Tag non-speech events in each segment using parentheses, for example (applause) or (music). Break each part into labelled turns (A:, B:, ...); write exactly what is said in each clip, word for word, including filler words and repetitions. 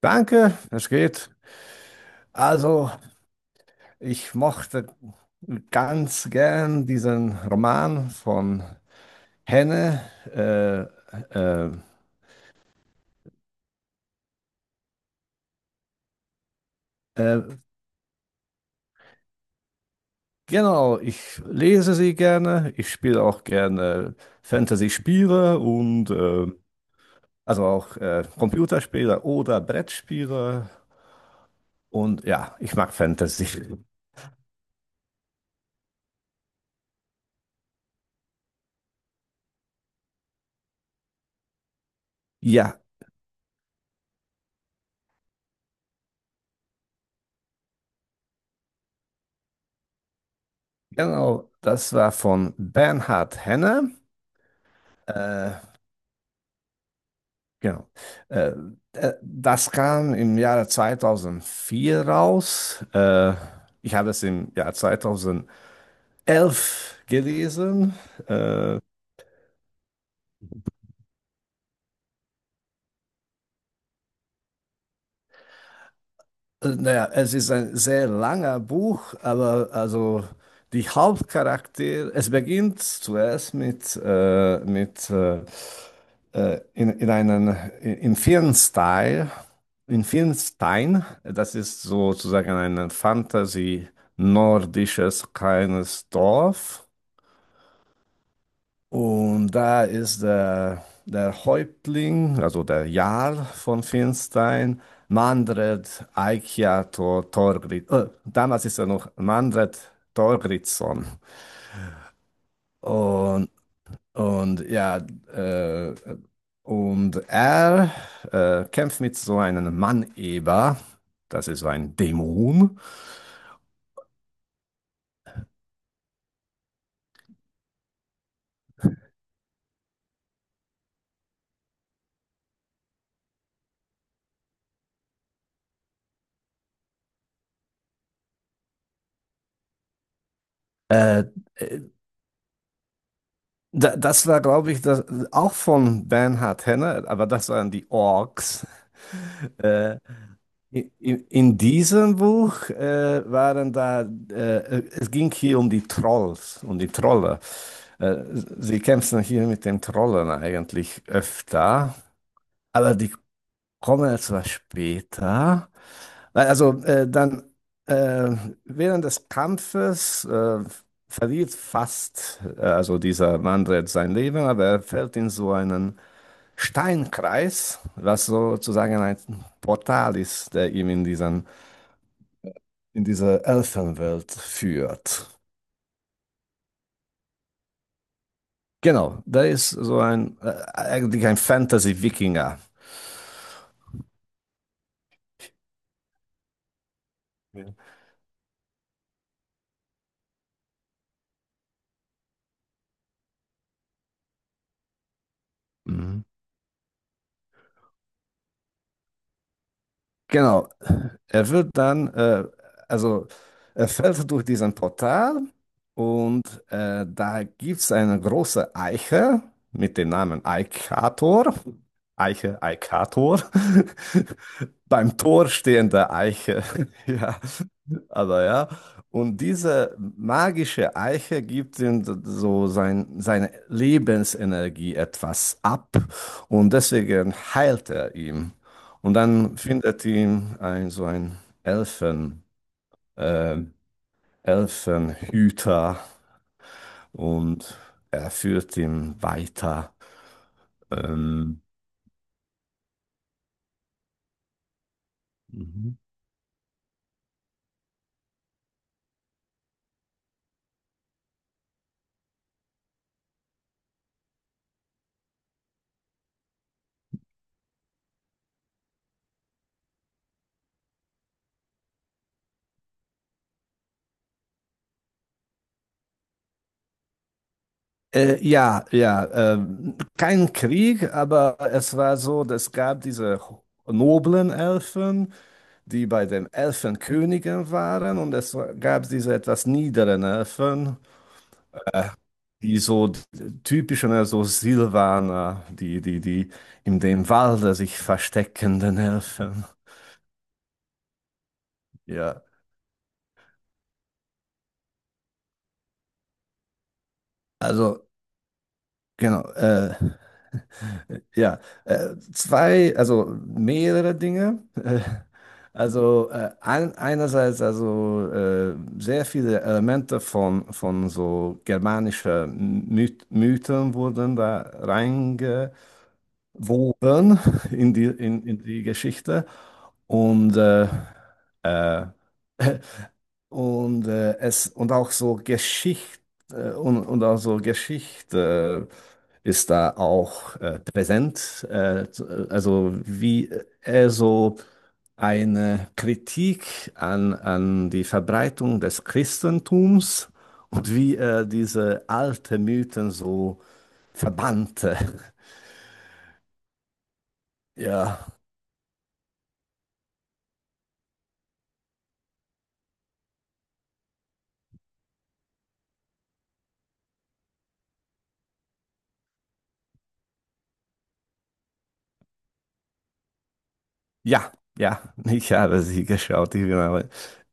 A: Danke, es geht. Also, ich mochte ganz gern diesen Roman von Henne. Äh, äh, äh, genau, ich lese sie gerne. Ich spiele auch gerne Fantasy-Spiele und äh, also auch äh, Computerspiele oder Brettspiele. Und ja, ich mag Fantasy. Ja, genau, das war von Bernhard Henne. Äh, Genau. Äh, äh, das kam im Jahre zweitausendvier raus. Äh, ich habe es im Jahr zweitausendelf gelesen. Äh, äh, naja, es ist ein sehr langer Buch, aber also die Hauptcharaktere, es beginnt zuerst mit, äh, mit äh, äh, in, in einen, in vielen Style, in vielen Stein, das ist sozusagen ein Fantasy-nordisches kleines Dorf. Und da ist der, der Häuptling, also der Jarl von Finstein, Mandred Eikjato Thorgrid. Äh, damals ist er noch Mandred Thorgridsson. Und, und ja, äh, Und er äh, kämpft mit so einem Mann-Eber. Das ist so ein Dämon. Äh, da, das war, glaube ich, das, auch von Bernhard Henner, aber das waren die Orks. Äh, in, in diesem Buch äh, waren da, äh, es ging hier um die Trolls, um die Trolle. Äh, sie kämpfen hier mit den Trollen eigentlich öfter, aber die kommen etwas später. Also äh, dann äh, während des Kampfes äh, verliert fast äh, also dieser Manfred sein Leben, aber er fällt in so einen Steinkreis, was sozusagen ein Portal ist, der ihm in diesen, in diese Elfenwelt führt. Genau, da ist so ein äh, eigentlich ein Fantasy-Wikinger. Ja. Mhm. Genau. Er wird dann, äh, also er fällt durch diesen Portal und äh, da gibt es eine große Eiche mit dem Namen Eikator. Eiche, Eikator. (laughs) Beim Tor stehende Eiche. (laughs) Ja, aber ja. Und diese magische Eiche gibt ihm so sein, seine Lebensenergie etwas ab und deswegen heilt er ihn. Und dann findet ihn ein so ein Elfen, äh, Elfenhüter und er führt ihn weiter. Ähm, Mhm. äh, ja, ja, ähm, kein Krieg, aber es war so, es gab diese noblen Elfen, die bei den Elfenkönigen waren, und es gab diese etwas niederen Elfen, die so typischen, ne, so Silvaner, die, die, die in dem Walde sich versteckenden Elfen. Ja, also genau, äh, ja, äh, zwei, also mehrere Dinge. (laughs) Äh, also äh, ein, einerseits also äh, sehr viele Elemente von, von so germanischen Myth Mythen wurden da reinge woben in die, in, in die Geschichte und, äh, äh, und, äh, es, und auch so Geschichte äh, und, und auch so Geschichte ist da auch äh, präsent. Äh, zu- äh, also wie er so eine Kritik an, an die Verbreitung des Christentums und wie er diese alten Mythen so verbannte. (laughs) Ja. Ja, ja, (laughs) ich habe sie geschaut. Ich bin, aber,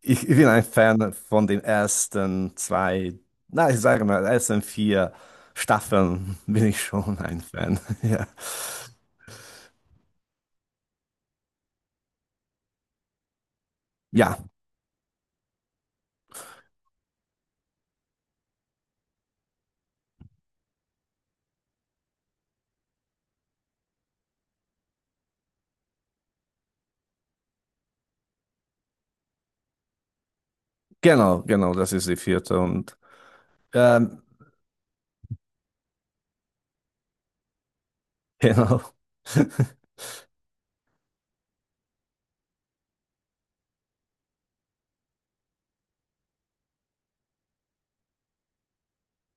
A: ich, ich bin ein Fan von den ersten zwei, na, ich sage mal, ersten vier Staffeln (laughs) bin ich schon ein Fan. (laughs) Ja, ja, genau, genau, das ist die vierte und ähm, genau. (laughs)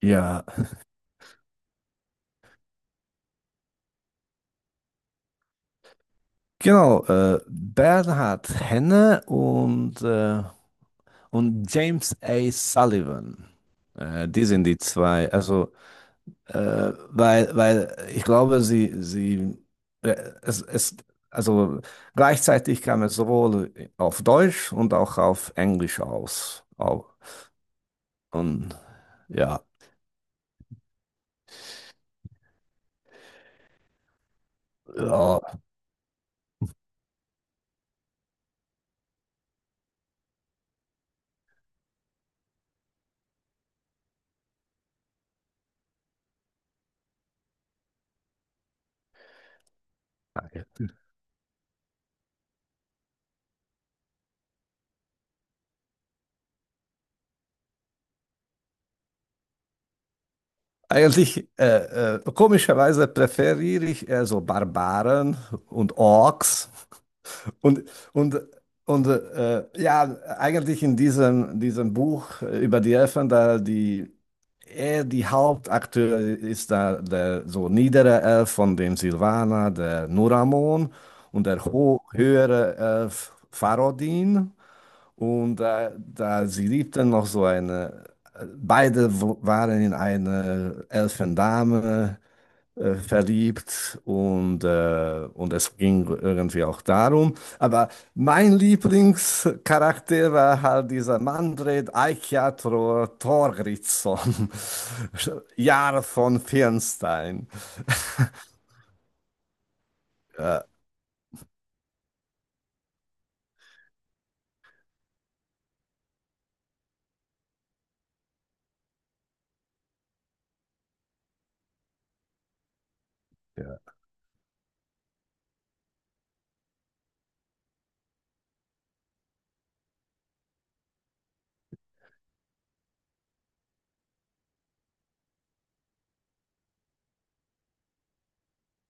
A: Ja, genau. Äh, Bernhard Henne und, äh, und James A. Sullivan. Äh, die sind die zwei. Also Äh, weil, weil ich glaube, sie, sie, äh, es, es, also gleichzeitig kam es sowohl auf Deutsch und auch auf Englisch aus. Au- Und ja, ja. Eigentlich, äh, äh, komischerweise präferiere ich eher so Barbaren und Orks. Und, und, und äh, ja, eigentlich in diesem, diesem Buch über die Elfen, da die Er, die Hauptakteur ist da der so niedere Elf von dem Silvaner, der Nuramon, und der ho höhere Elf Farodin. Und äh, da sie liebten noch so eine, äh, beide w- waren in einer Elfendame äh, verliebt und, äh, und es ging irgendwie auch darum. Aber mein Lieblingscharakter war halt dieser Manfred Eichiator Thorgrímsson, (laughs) Jarl von Firnstein. (laughs) Äh, ja,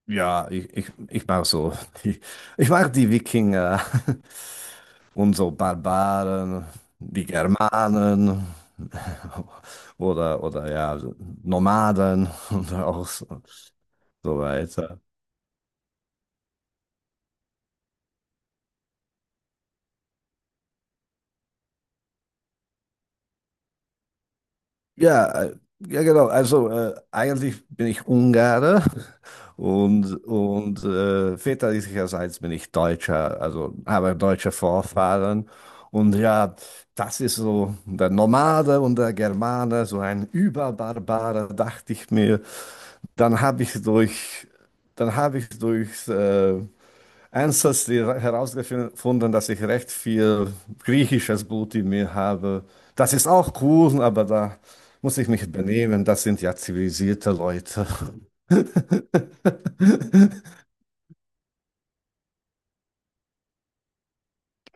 A: ja, ich, ich, ich mag so, die, ich mag die Wikinger (laughs) und so Barbaren, die Germanen. (laughs) Oder, oder ja, Nomaden (laughs) und auch so. So weiter. Ja, äh, ja genau. Also äh, eigentlich bin ich Ungarer (laughs) und, und äh, väterlicherseits bin ich Deutscher, also habe deutsche Vorfahren. Und ja, das ist so der Nomade und der Germane, so ein Überbarbare, dachte ich mir. Dann habe ich durch, dann habe ich durchs äh, Ancestry herausgefunden, dass ich recht viel griechisches Blut in mir habe. Das ist auch cool, aber da muss ich mich benehmen. Das sind ja zivilisierte Leute. (laughs)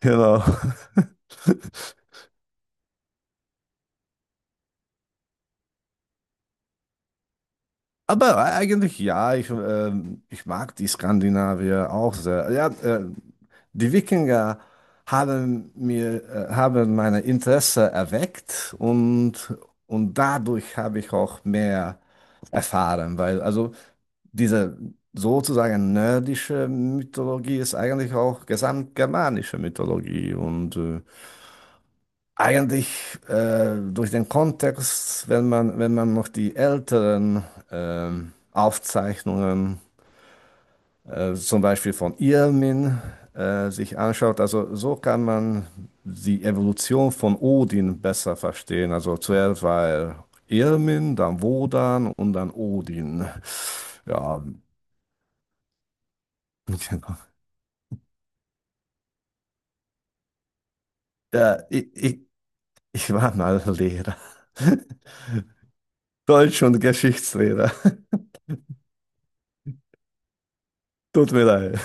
A: Genau. Aber eigentlich ja, ich, ähm, ich mag die Skandinavier auch sehr. Ja, äh, die Wikinger haben mir, äh, haben meine Interesse erweckt und, und dadurch habe ich auch mehr erfahren, weil also diese sozusagen nordische Mythologie ist eigentlich auch gesamtgermanische Mythologie und äh, eigentlich äh, durch den Kontext, wenn man, wenn man noch die älteren ähm, Aufzeichnungen, äh, zum Beispiel von Irmin, äh, sich anschaut, also so kann man die Evolution von Odin besser verstehen. Also zuerst war er Irmin, dann Wodan und dann Odin. Ja, (laughs) genau. Ja, ich, ich, ich war mal Lehrer. (laughs) Deutsch- und Geschichtslehrer. (laughs) Tut mir leid.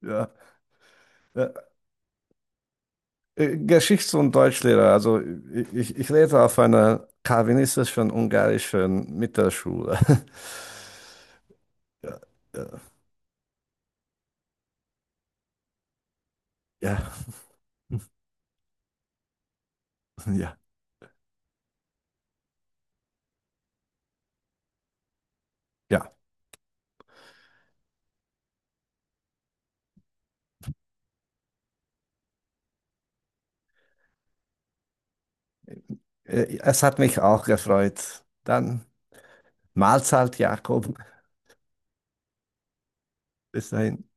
A: (laughs) Ja. Äh, äh, Geschichts- und Deutschlehrer, also ich, ich ich lehrte auf einer calvinistischen ungarischen Mittelschule. (laughs) Ja, äh, ja, ja. ja. Äh, Es hat mich auch gefreut. Dann Mahlzeit, Jakob. Bis dahin.